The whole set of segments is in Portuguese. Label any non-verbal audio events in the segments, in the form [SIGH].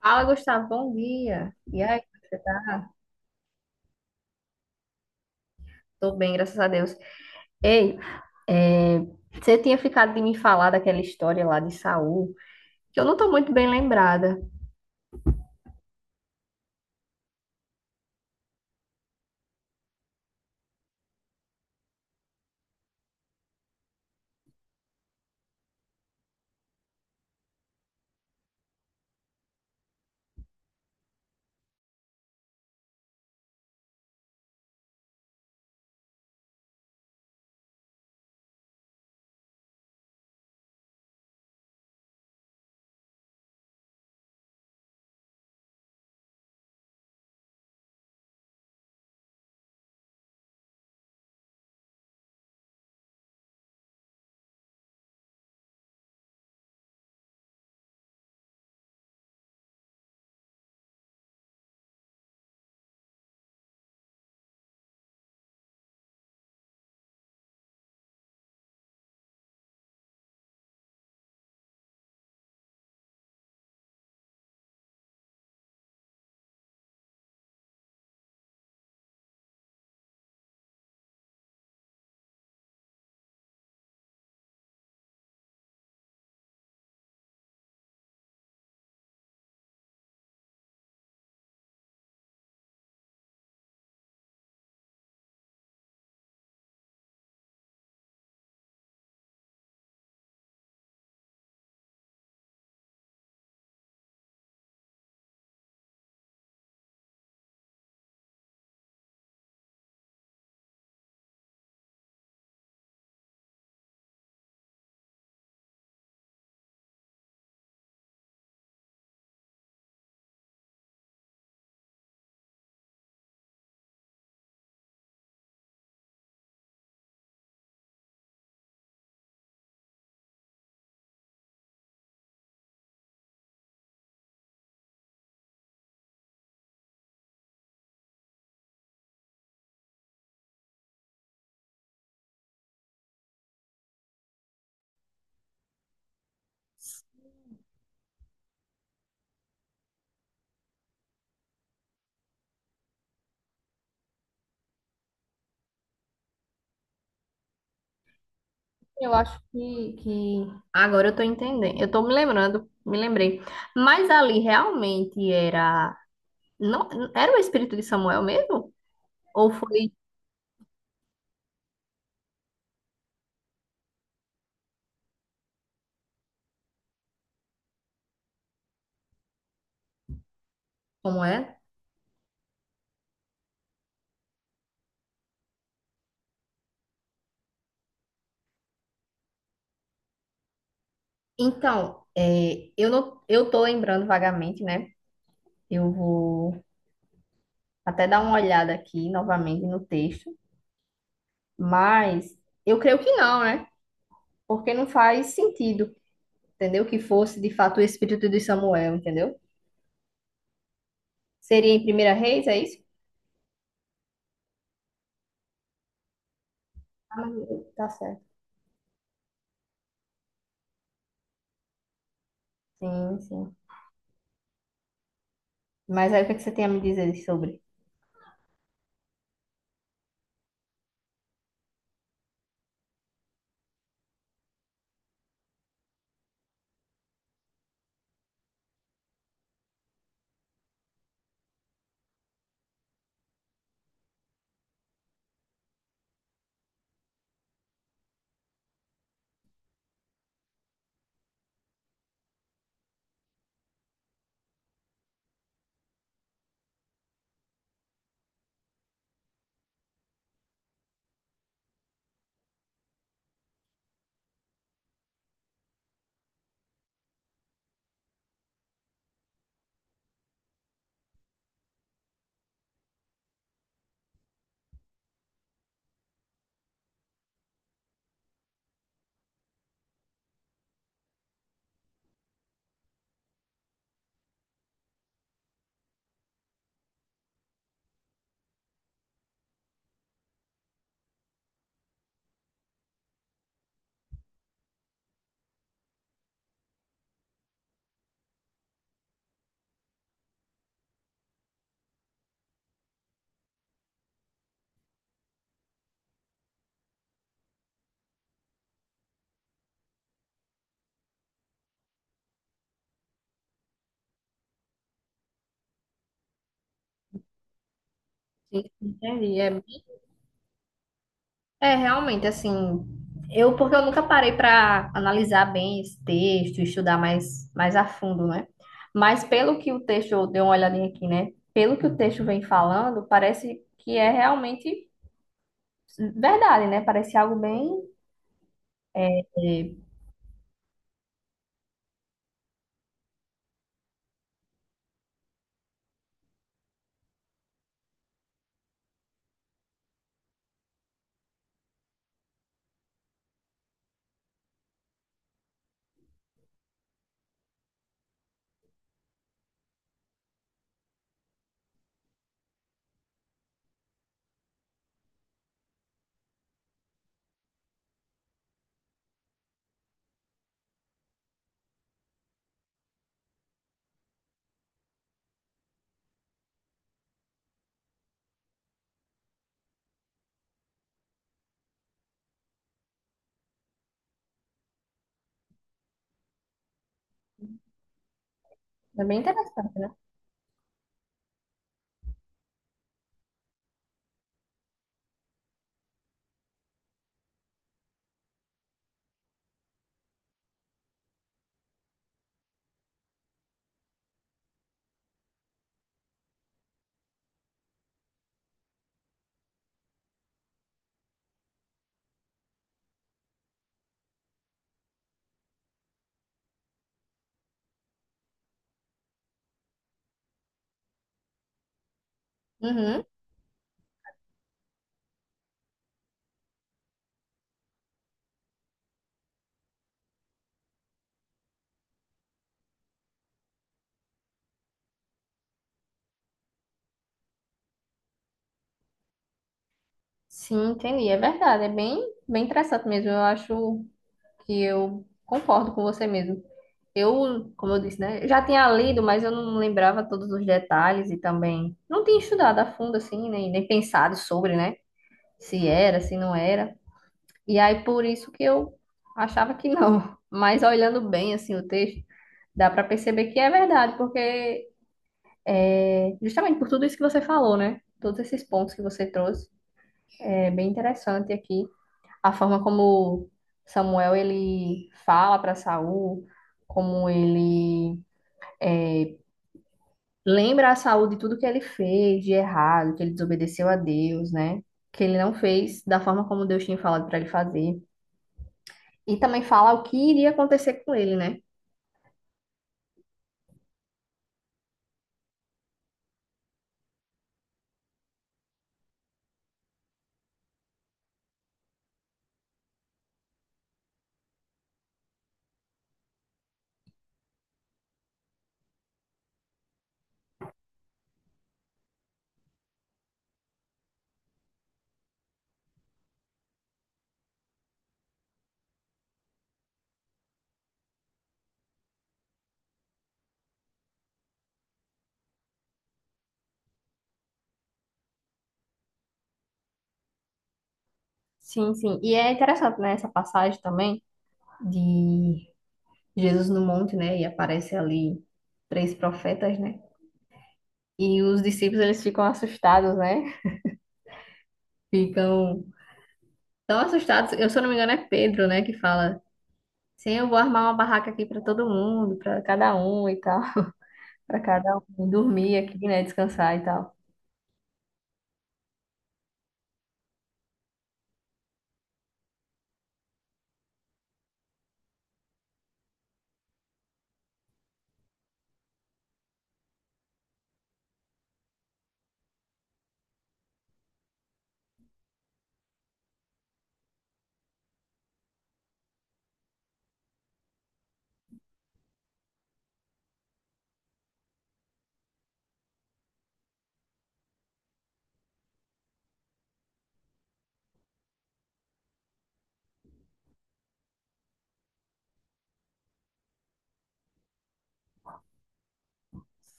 Fala, Gustavo, bom dia. E aí, você tá? Tô bem, graças a Deus. Ei, é, você tinha ficado de me falar daquela história lá de Saul, que eu não tô muito bem lembrada. Eu acho que agora eu tô entendendo. Eu tô me lembrando, me lembrei. Mas ali realmente era não era o espírito de Samuel mesmo? Ou foi como é? Então, eu não eu tô lembrando vagamente, né? Eu vou até dar uma olhada aqui novamente no texto. Mas eu creio que não, né? Porque não faz sentido, entendeu? Que fosse de fato o espírito de Samuel, entendeu? Seria em Primeira Reis, é isso? Ah, mas tá certo. Sim, sim. Mas aí o que é que você tem a me dizer sobre? Sim, entendi. É, é realmente assim. Eu, porque eu nunca parei para analisar bem esse texto, estudar mais a fundo, né? Mas pelo que o texto, eu dei uma olhadinha aqui, né? Pelo que o texto vem falando, parece que é realmente verdade, né? Parece algo bem É é bem interessante, né? Uhum. Sim, entendi. É verdade. Bem interessante mesmo. Eu acho que eu concordo com você mesmo. Eu, como eu disse, né? Já tinha lido, mas eu não lembrava todos os detalhes e também não tinha estudado a fundo, assim, nem pensado sobre, né? Se era, se não era. E aí, por isso que eu achava que não. [LAUGHS] Mas olhando bem, assim, o texto, dá para perceber que é verdade, porque é justamente por tudo isso que você falou, né? Todos esses pontos que você trouxe. É bem interessante aqui a forma como Samuel ele fala para Saul, como ele lembra a Saul de tudo que ele fez de errado, que ele desobedeceu a Deus, né? Que ele não fez da forma como Deus tinha falado para ele fazer. E também fala o que iria acontecer com ele, né? Sim, sim. E é interessante, né, essa passagem também de Jesus no monte, né? E aparece ali três profetas, né? E os discípulos eles ficam assustados, né? Ficam nossa, o status, eu, se eu não me engano, é Pedro, né, que fala. Sim, eu vou armar uma barraca aqui pra todo mundo, pra cada um e tal, [LAUGHS] pra cada um dormir aqui, né, descansar e tal.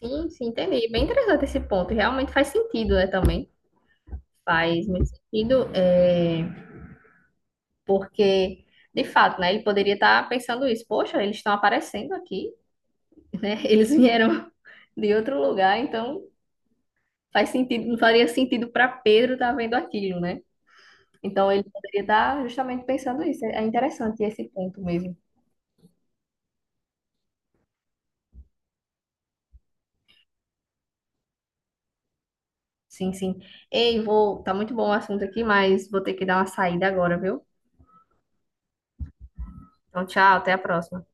Sim, sim, entendi. Bem interessante esse ponto. Realmente faz sentido, né, também. Faz muito sentido, é, porque, de fato, né, ele poderia estar pensando isso. Poxa, eles estão aparecendo aqui, né? [LAUGHS] Eles vieram de outro lugar, então faz sentido, não faria sentido pra Pedro estar vendo aquilo, né? Então ele poderia estar justamente pensando isso. É interessante esse ponto mesmo. Sim, sim. Ei, vou. Tá muito bom o assunto aqui, mas vou ter que dar uma saída agora, viu? Então, tchau, até a próxima.